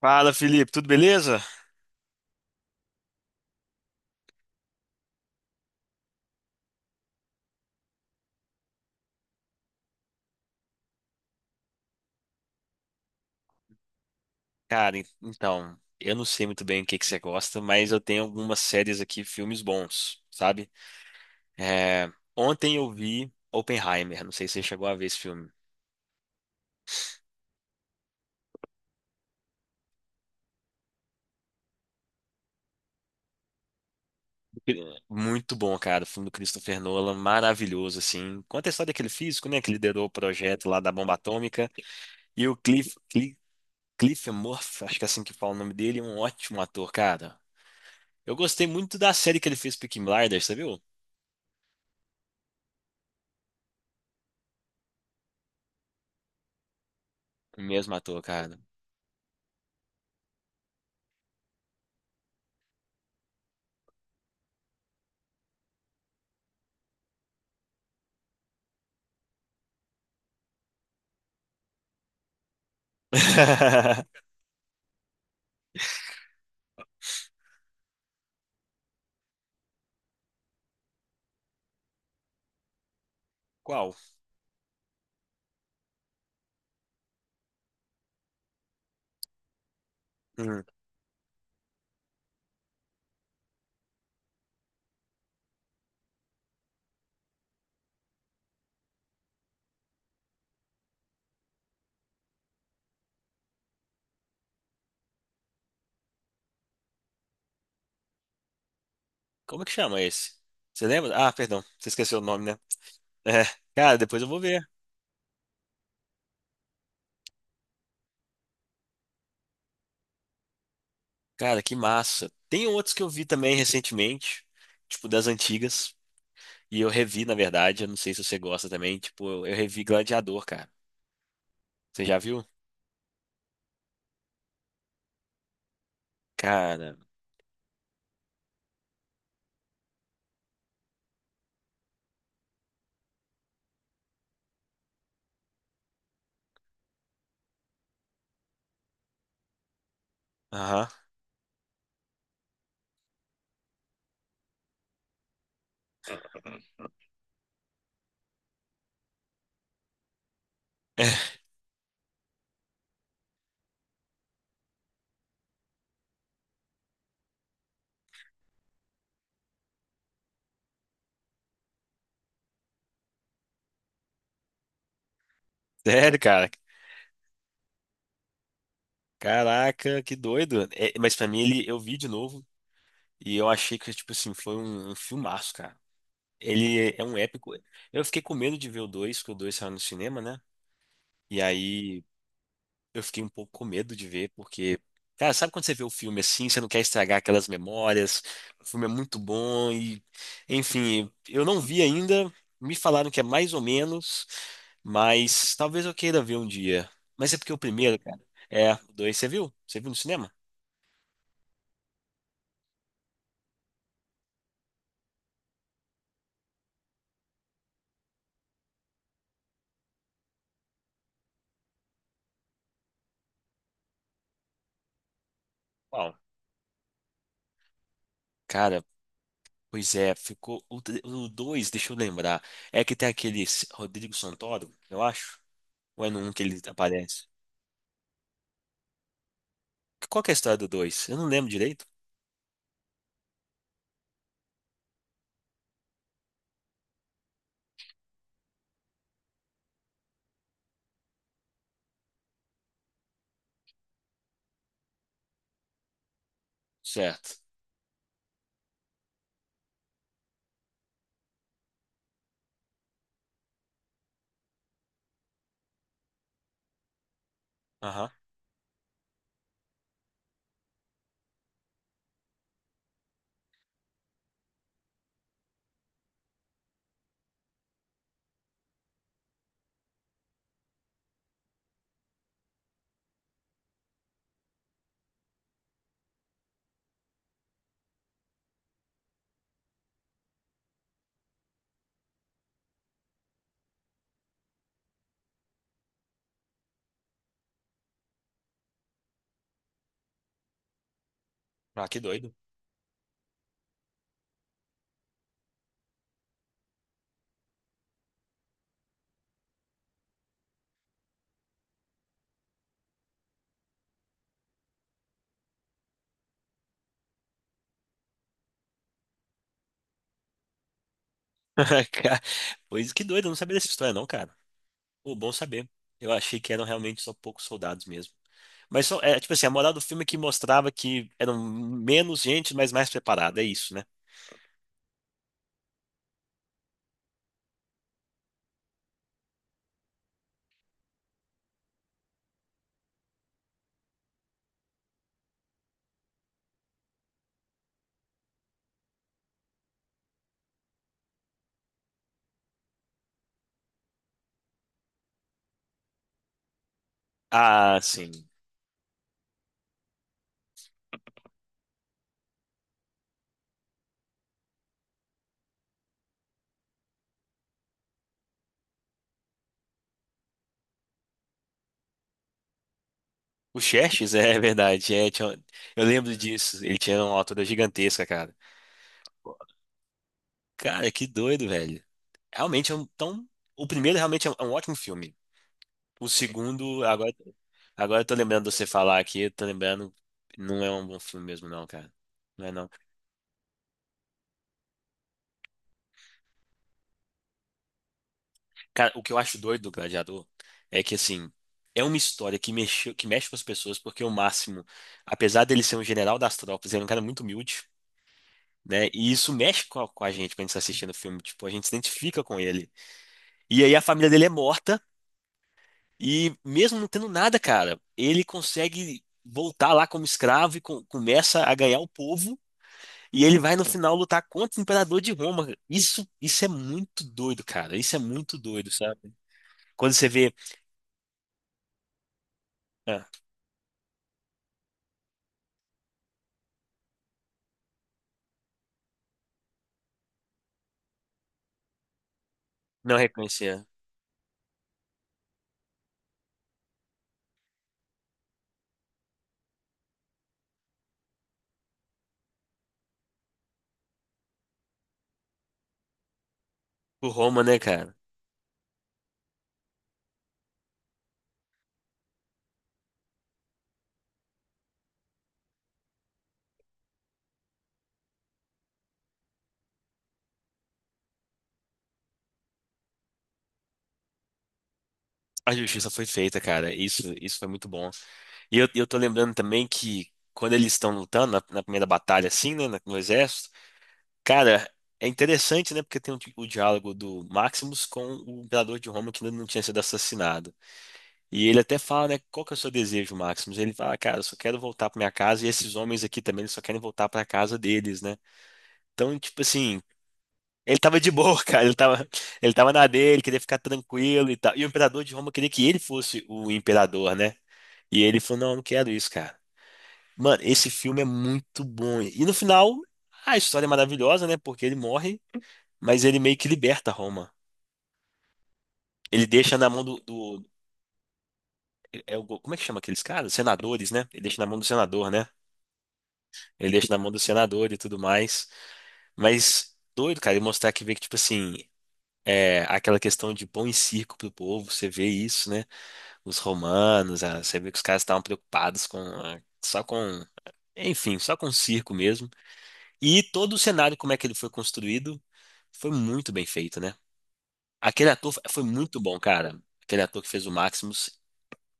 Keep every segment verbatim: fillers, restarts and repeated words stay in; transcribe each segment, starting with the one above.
Fala, Felipe, tudo beleza? Cara, en- então, eu não sei muito bem o que que você gosta, mas eu tenho algumas séries aqui, filmes bons, sabe? É, ontem eu vi Oppenheimer, não sei se você chegou a ver esse filme. Muito bom, cara, o filme do Christopher Nolan, maravilhoso, assim. Conta a história daquele físico, né, que liderou o projeto lá da bomba atômica. E o Cliff, Cliff, Cliff Murphy, acho que é assim que fala o nome dele, é um ótimo ator, cara. Eu gostei muito da série que ele fez, Peaky Blinders, você viu? O mesmo ator, cara. Qual? Hum. Como é que chama esse? Você lembra? Ah, perdão, você esqueceu o nome, né? É, cara, depois eu vou ver. Cara, que massa. Tem outros que eu vi também recentemente, tipo das antigas, e eu revi, na verdade, eu não sei se você gosta também, tipo, eu, eu revi Gladiador, cara. Você já viu? Cara, aham. Sério, cara. Caraca, que doido. É, mas pra mim ele eu vi de novo e eu achei que tipo assim, foi um, um filmaço, cara. Ele é um épico. Eu fiquei com medo de ver o dois, que o dois saiu no cinema, né? E aí eu fiquei um pouco com medo de ver, porque, cara, sabe quando você vê o filme assim, você não quer estragar aquelas memórias, o filme é muito bom e, enfim, eu não vi ainda, me falaram que é mais ou menos, mas talvez eu queira ver um dia. Mas é porque o primeiro, cara, é, o dois, você viu? Você viu no cinema? Uau. Cara, pois é, ficou, o tre- o dois, deixa eu lembrar, é que tem aquele Rodrigo Santoro, eu acho, ou é no um que ele aparece? Qual que é a história do dois? Eu não lembro direito. Certo. Aham. Ah, que doido. Ca- Pois que doido, eu não sabia dessa história, não, cara. Pô, bom saber. Eu achei que eram realmente só poucos soldados mesmo. Mas só, é, tipo assim, a moral do filme é que mostrava que eram menos gente, mas mais preparada, é isso, né? Ah, sim. O Xerxes, é verdade. É, tinha- eu lembro disso. Ele tinha uma altura gigantesca, cara. Cara, que doido, velho. Realmente é um, tão, o primeiro realmente é um, é um ótimo filme. O segundo, agora, agora eu tô lembrando de você falar aqui, eu tô lembrando, não é um bom filme mesmo não, cara. Não é não. Cara, o que eu acho doido do Gladiador é que, assim, é uma história que mexe que mexe com as pessoas, porque o Máximo, apesar dele ser um general das tropas, ele é um cara muito humilde, né? E isso mexe com a, com a gente quando a gente tá assistindo o filme, tipo, a gente se identifica com ele. E aí a família dele é morta, e mesmo não tendo nada, cara, ele consegue voltar lá como escravo e co- começa a ganhar o povo. E ele vai no final lutar contra o imperador de Roma, cara. Isso, isso é muito doido, cara. Isso é muito doido, sabe? Quando você vê, ah, não reconhecia o Roma, né, cara? A justiça foi feita, cara. Isso, isso foi muito bom. E eu, eu tô lembrando também que quando eles estão lutando na, na primeira batalha, assim, né, na- no exército, cara, é interessante, né, porque tem o, di- o diálogo do Maximus com o imperador de Roma que ainda não tinha sido assassinado. E ele até fala, né, qual que é o seu desejo, Maximus? Ele fala, "Ah, cara, eu só quero voltar pra minha casa e esses homens aqui também, eles só querem voltar pra casa deles, né? Então, tipo assim, ele tava de boa, cara, ele tava, ele tava na dele, queria ficar tranquilo e tal. E o imperador de Roma queria que ele fosse o imperador, né? E ele falou, não, eu não quero isso, cara. Mano, esse filme é muito bom. E no final, a história é maravilhosa, né? Porque ele morre, mas ele meio que liberta Roma. Ele deixa na mão do, do- é o, como é que chama aqueles caras? Senadores, né? Ele deixa na mão do senador, né? Ele deixa na mão do senador e tudo mais. Mas doido, cara, e mostrar que vê que, tipo assim, é, aquela questão de pão e circo pro povo, você vê isso, né? Os romanos, ah, você vê que os caras estavam preocupados com, ah, só com, enfim, só com o circo mesmo. E todo o cenário, como é que ele foi construído, foi muito bem feito, né? Aquele ator foi muito bom, cara. Aquele ator que fez o Maximus,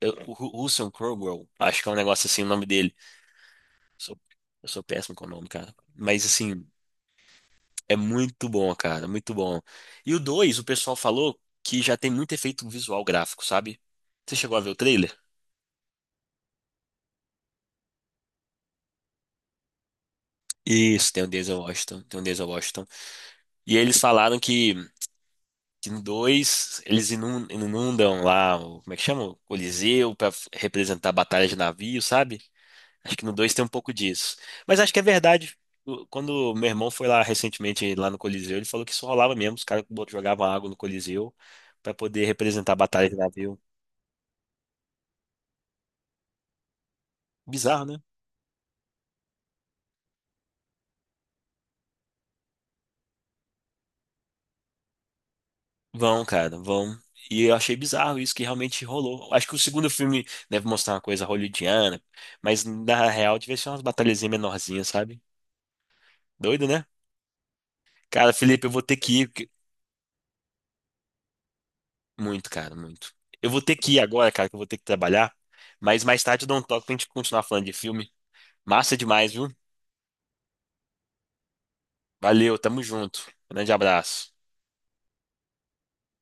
eu- o Ru- Russell Crowe, acho que é um negócio assim, o nome dele. Sou- eu sou péssimo com o nome, cara. Mas assim. É muito bom, cara, muito bom. E o dois, o pessoal falou que já tem muito efeito visual gráfico, sabe? Você chegou a ver o trailer? Isso, tem o Denzel Washington, tem o Denzel Washington. E eles falaram que, que no dois eles inun- inundam lá, o, como é que chama? O Coliseu pra f- representar a batalha de navio, sabe? Acho que no dois tem um pouco disso. Mas acho que é verdade. O- Quando meu irmão foi lá recentemente, lá no Coliseu, ele falou que isso rolava mesmo, os caras bot- jogavam água no Coliseu pra poder representar a batalha de navio. Bizarro, né? Vão, cara, vão. E eu achei bizarro isso que realmente rolou. Acho que o segundo filme deve mostrar uma coisa hollywoodiana, mas na real devia ser umas batalhazinhas menorzinhas, sabe? Doido, né? Cara, Felipe, eu vou ter que ir. Porque- Muito, cara, muito. Eu vou ter que ir agora, cara, que eu vou ter que trabalhar. Mas mais tarde eu dou um toque pra gente continuar falando de filme. Massa demais, viu? Valeu, tamo junto. Grande abraço.